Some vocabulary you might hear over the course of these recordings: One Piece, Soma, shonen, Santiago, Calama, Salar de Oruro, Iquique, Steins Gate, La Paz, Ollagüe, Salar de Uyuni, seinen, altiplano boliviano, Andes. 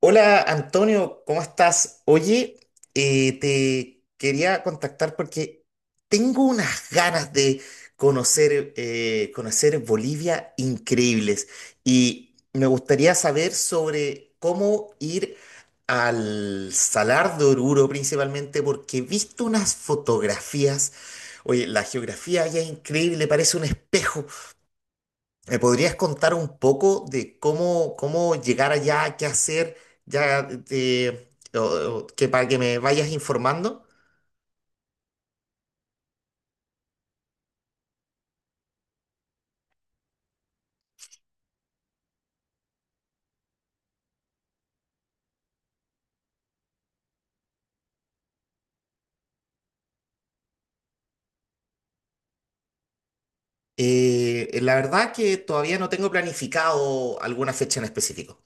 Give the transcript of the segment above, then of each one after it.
Hola Antonio, ¿cómo estás? Oye, te quería contactar porque tengo unas ganas de conocer Bolivia increíbles y me gustaría saber sobre cómo ir al Salar de Oruro principalmente porque he visto unas fotografías. Oye, la geografía allá es increíble, parece un espejo. ¿Me podrías contar un poco de cómo llegar allá, qué hacer, ya, o- o que para que me vayas informando? La verdad que todavía no tengo planificado alguna fecha en específico.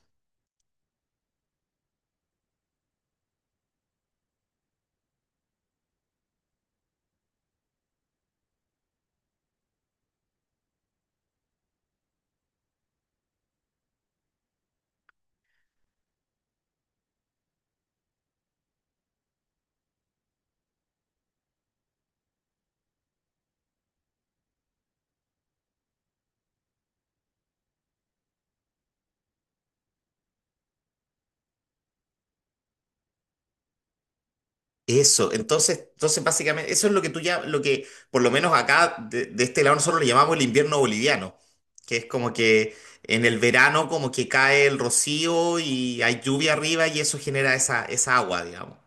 Eso, entonces básicamente eso es lo que tú ya, lo que por lo menos acá de este lado nosotros le llamamos el invierno boliviano, que es como que en el verano como que cae el rocío y hay lluvia arriba y eso genera esa agua, digamos.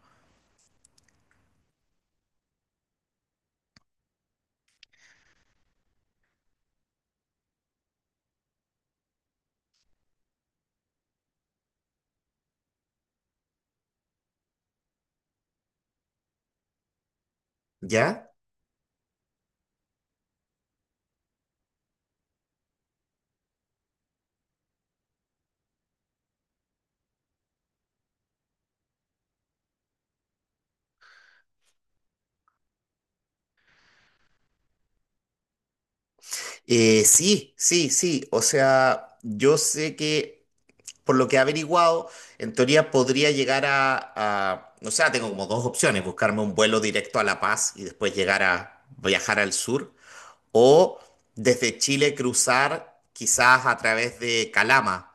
¿Ya? Sí, sí, sí. O sea, yo sé que por lo que he averiguado, en teoría podría llegar a, o sea, tengo como dos opciones, buscarme un vuelo directo a La Paz y después llegar a viajar al sur, o desde Chile cruzar quizás a través de Calama.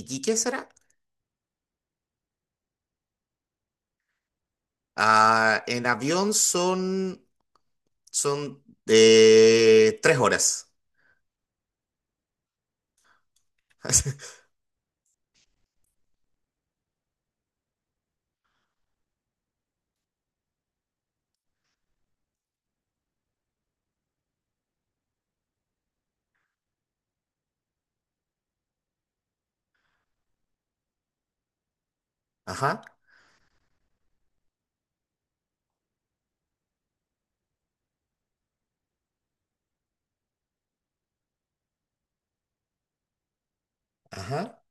¿Iquique será? Ah, en avión son 3 horas. Ajá, ajá.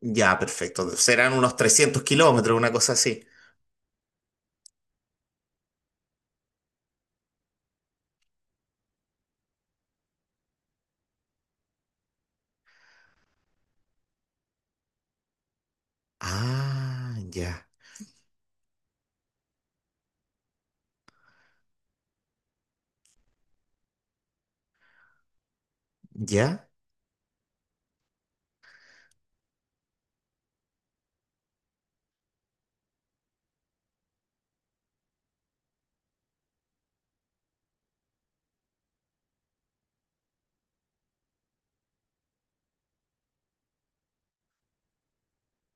Ya, perfecto. Serán unos 300 kilómetros, una cosa así. Ah, ya, ya,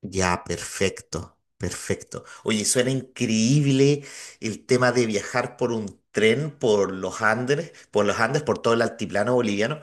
ya, perfecto, perfecto. Oye, suena increíble el tema de viajar por un tren por los Andes, por todo el altiplano boliviano.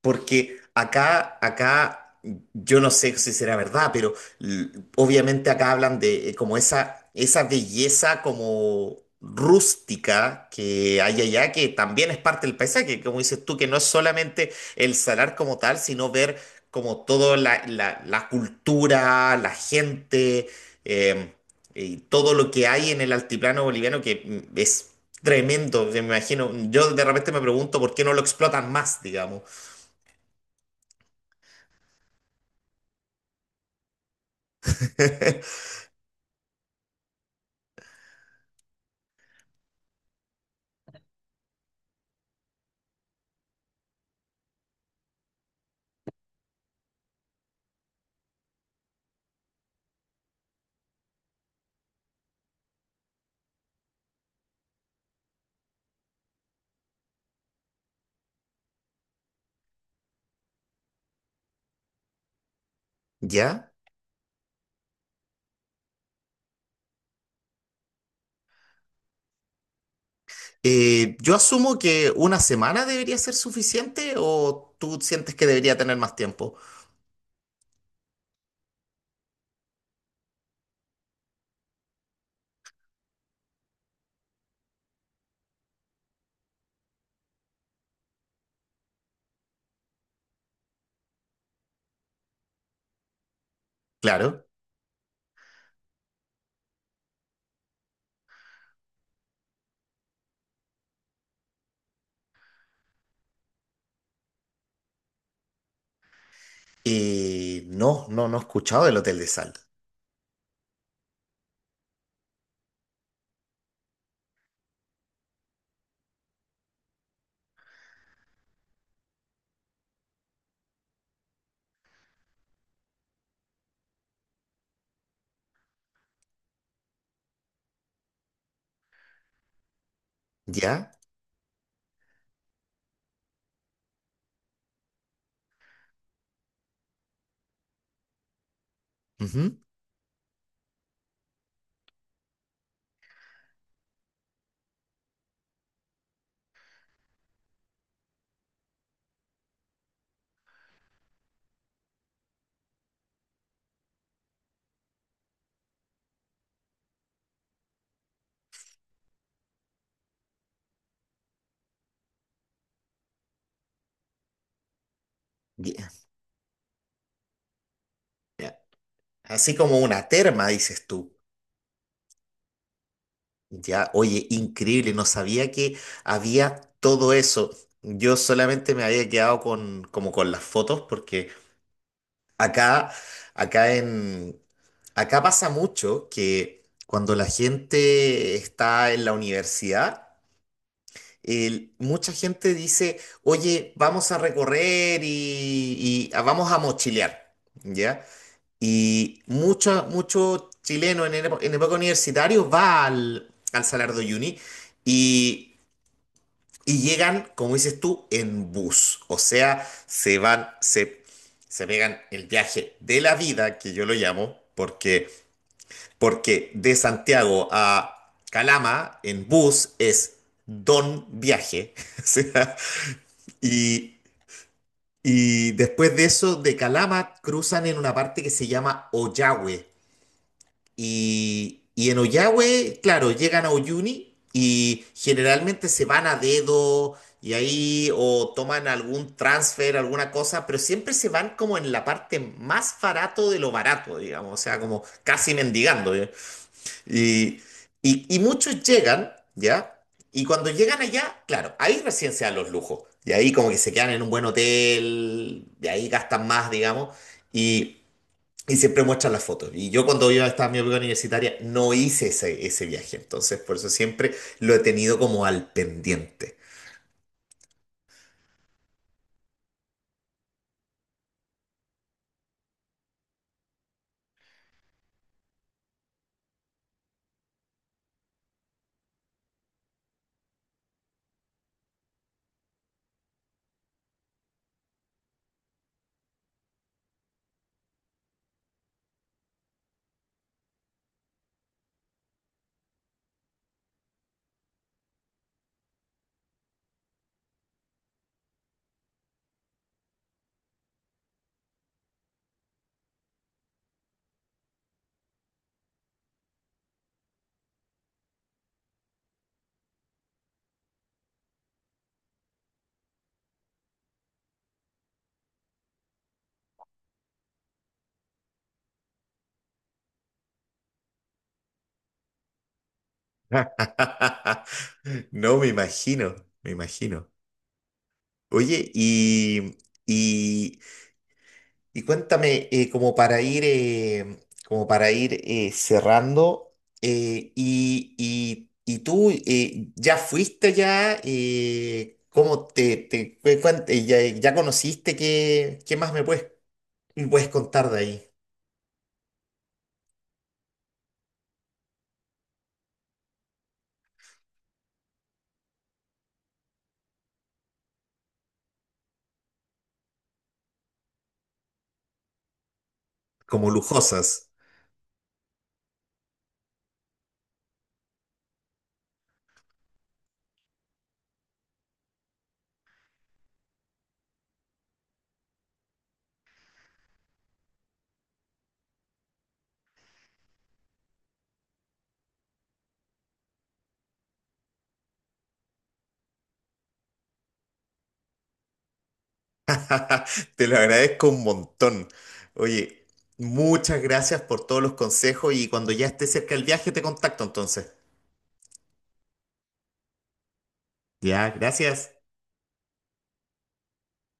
Porque yo no sé si será verdad, pero l- obviamente acá hablan de como esa belleza como rústica que hay allá, que también es parte del paisaje, como dices tú, que no es solamente el salar como tal, sino ver como toda la cultura, la gente, eh, y todo lo que hay en el altiplano boliviano, que es tremendo, me imagino. Yo de repente me pregunto por qué no lo explotan más, digamos. ¿Ya? Yo asumo que una semana debería ser suficiente o tú sientes que debería tener más tiempo. Claro. No, no, no he escuchado del hotel de sal. ¿Ya? Ujú. Ya, ya. Así como una terma, dices tú. Ya, oye, increíble, no sabía que había todo eso. Yo solamente me había quedado con, como con las fotos porque Acá, acá en, acá pasa mucho que cuando la gente está en la universidad, mucha gente dice, oye, vamos a recorrer y vamos a mochilear, ¿ya? Y mucho, mucho chileno en época universitaria va al Salar de Uyuni y y llegan, como dices tú, en bus. O sea, se van, se pegan el viaje de la vida, que yo lo llamo, porque de Santiago a Calama en bus es don viaje. O sea, y, y después de eso, de Calama cruzan en una parte que se llama Ollagüe. Y en Ollagüe, claro, llegan a Uyuni y generalmente se van a dedo y ahí o toman algún transfer, alguna cosa, pero siempre se van como en la parte más barato de lo barato, digamos, o sea, como casi mendigando. ¿Ya? Y, y muchos llegan, ¿ya? Y cuando llegan allá, claro, ahí recién se dan los lujos. Y ahí como que se quedan en un buen hotel, y ahí gastan más, digamos. Y, y siempre muestran las fotos. Y yo cuando yo estaba en mi época universitaria no hice ese viaje. Entonces, por eso siempre lo he tenido como al pendiente. No, me imagino, me imagino. Oye, y, y cuéntame, como para ir cerrando, y tú ya fuiste ya, ¿cómo ya conociste? ¿Qué más me puedes contar de ahí, como lujosas. Te lo agradezco un montón. Oye, muchas gracias por todos los consejos y cuando ya esté cerca el viaje te contacto entonces. Ya, gracias.